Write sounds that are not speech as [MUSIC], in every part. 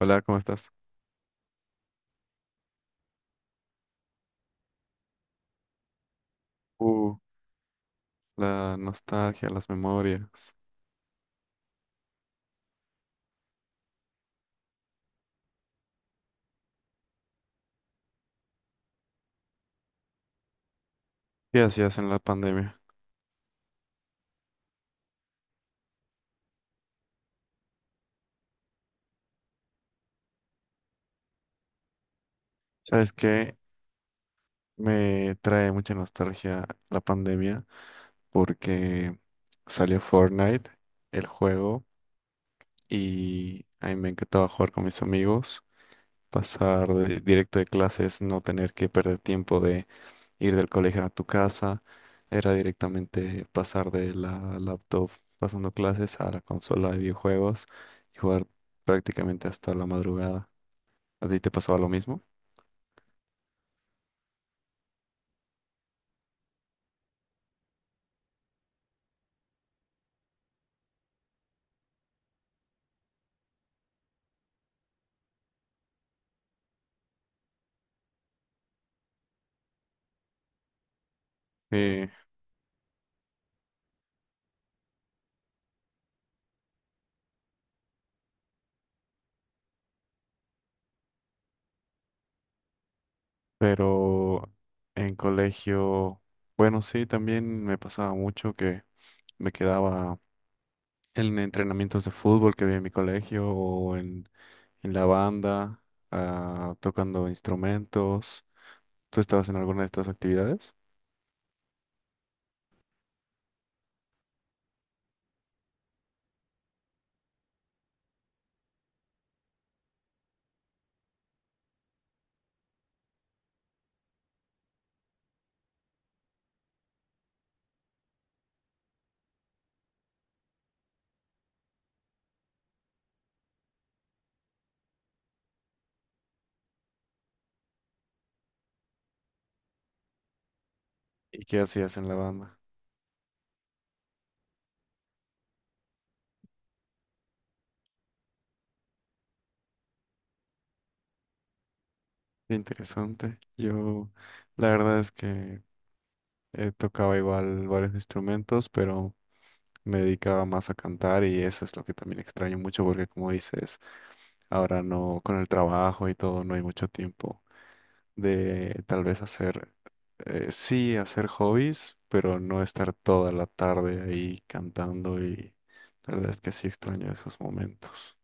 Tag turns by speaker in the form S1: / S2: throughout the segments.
S1: Hola, ¿cómo estás? Uh, la nostalgia, las memorias. ¿Qué hacías en la pandemia? ¿Sabes qué? Me trae mucha nostalgia la pandemia porque salió Fortnite, el juego, y a mí me encantaba jugar con mis amigos, pasar directo de clases, no tener que perder tiempo ir del colegio a tu casa. Era directamente pasar de la laptop pasando clases a la consola de videojuegos y jugar prácticamente hasta la madrugada. ¿A ti te pasaba lo mismo? Sí, pero en colegio, bueno, sí, también me pasaba mucho que me quedaba en entrenamientos de fútbol que había en mi colegio o en la banda, ah, tocando instrumentos. ¿Tú estabas en alguna de estas actividades? ¿Y qué hacías en la banda? Interesante. Yo, la verdad es que tocaba igual varios instrumentos, pero me dedicaba más a cantar, y eso es lo que también extraño mucho porque, como dices, ahora no, con el trabajo y todo, no hay mucho tiempo de tal vez sí, hacer hobbies, pero no estar toda la tarde ahí cantando, y la verdad es que sí extraño esos momentos.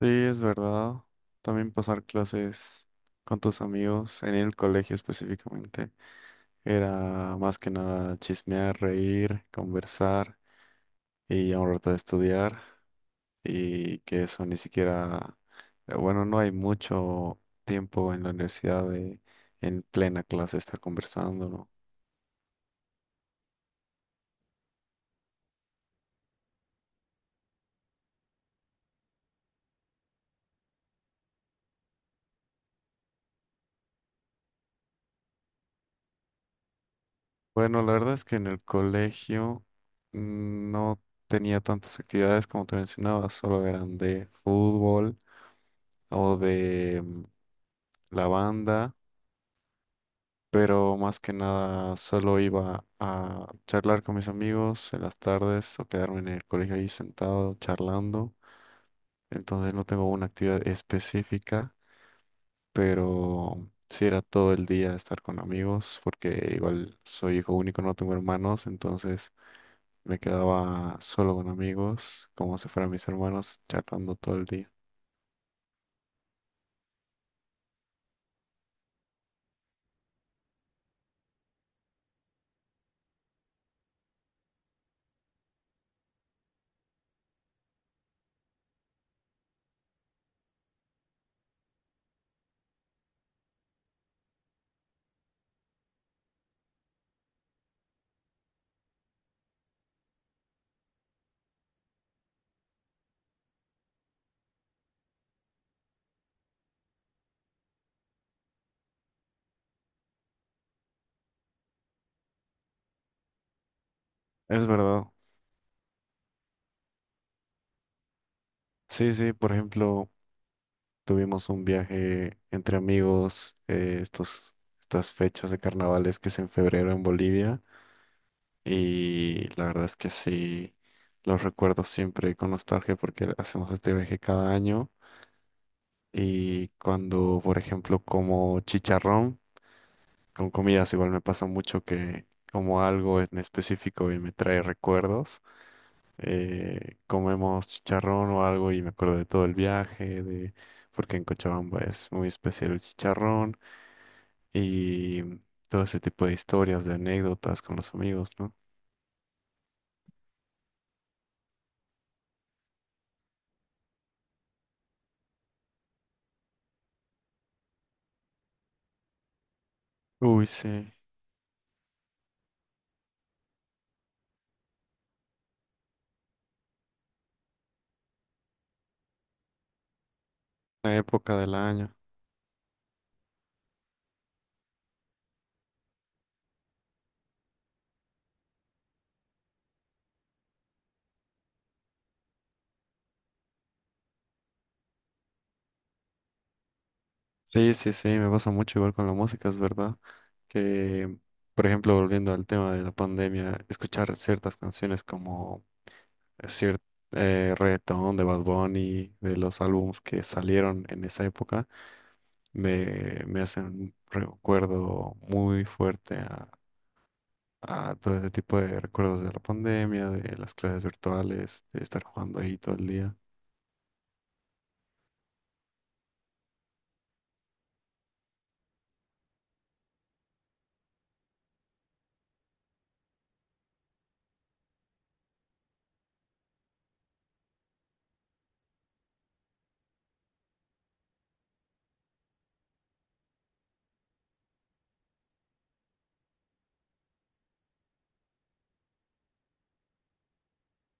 S1: Sí, es verdad. También pasar clases con tus amigos en el colegio específicamente era más que nada chismear, reír, conversar y a un rato de estudiar, y que eso ni siquiera, bueno, no hay mucho tiempo en la universidad de en plena clase estar conversando, ¿no? Bueno, la verdad es que en el colegio, no tenía tantas actividades como te mencionaba, solo eran de fútbol o de la banda, pero más que nada solo iba a charlar con mis amigos en las tardes o quedarme en el colegio ahí sentado charlando. Entonces no tengo una actividad específica, pero sí era todo el día estar con amigos, porque igual soy hijo único, no tengo hermanos, entonces me quedaba solo con amigos, como si fueran mis hermanos, charlando todo el día. Es verdad. Sí, sí, por ejemplo. Tuvimos un viaje entre amigos, estos, estas fechas de carnavales que es en febrero en Bolivia, y la verdad es que sí, los recuerdo siempre con nostalgia porque hacemos este viaje cada año, y cuando, por ejemplo, como chicharrón con comidas. Igual me pasa mucho que como algo en específico y me trae recuerdos, comemos chicharrón o algo y me acuerdo de todo el viaje, de porque en Cochabamba es muy especial el chicharrón. Y todo ese tipo de historias, de anécdotas con los amigos, ¿no? Uy, sí, la época del año. Sí, sí, sí, me pasa mucho igual con la música, es verdad. Que, por ejemplo, volviendo al tema de la pandemia, escuchar ciertas canciones como cierto reggaetón de Bad Bunny, de los álbumes que salieron en esa época, me hacen un recuerdo muy fuerte a todo ese tipo de recuerdos de la pandemia, de las clases virtuales, de estar jugando ahí todo el día.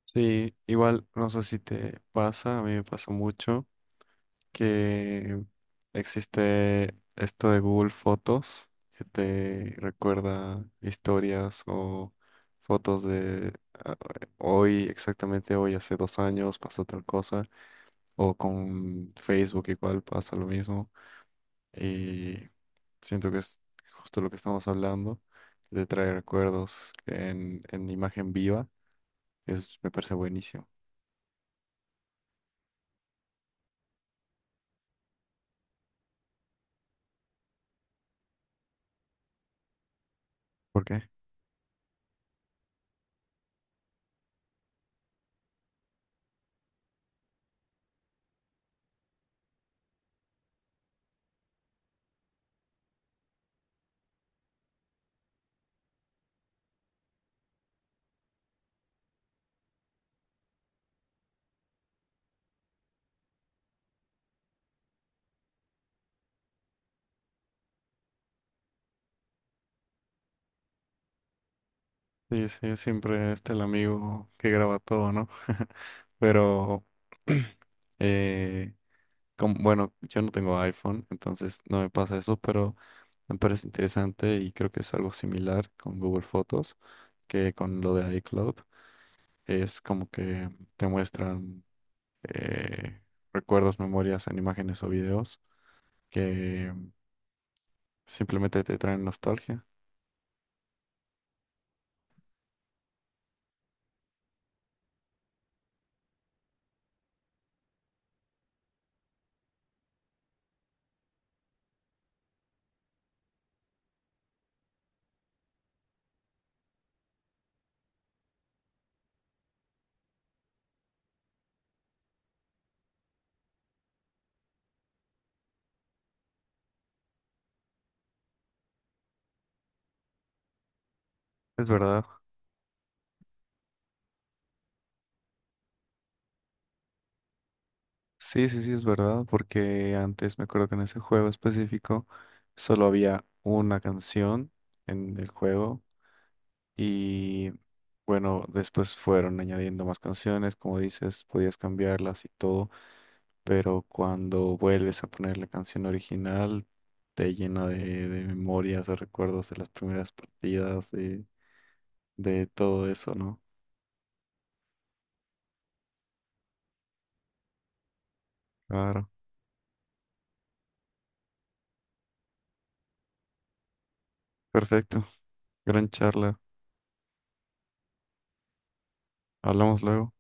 S1: Sí, igual, no sé si te pasa, a mí me pasa mucho que existe esto de Google Fotos que te recuerda historias o fotos de ah, hoy, exactamente hoy, hace dos años pasó tal cosa, o con Facebook igual pasa lo mismo. Y siento que es justo lo que estamos hablando, de traer recuerdos en imagen viva. Eso me parece buenísimo. ¿Por qué? Sí, sí, siempre está el amigo que graba todo, ¿no? [LAUGHS] Pero, [CLEARS THROAT] eh, bueno, yo no tengo iPhone, entonces no me pasa eso, pero me parece interesante, y creo que es algo similar con Google Fotos que con lo de iCloud. Es como que te muestran eh, recuerdos, memorias en imágenes o videos que simplemente te traen nostalgia. Es verdad. Sí, sí, sí, es verdad, porque antes me acuerdo que en ese juego específico solo había una canción en el juego, y bueno, después fueron añadiendo más canciones, como dices, podías cambiarlas y todo, pero cuando vuelves a poner la canción original te llena de memorias, de recuerdos de las primeras partidas, de todo eso, ¿no? Claro. Perfecto. Gran charla. Hablamos luego.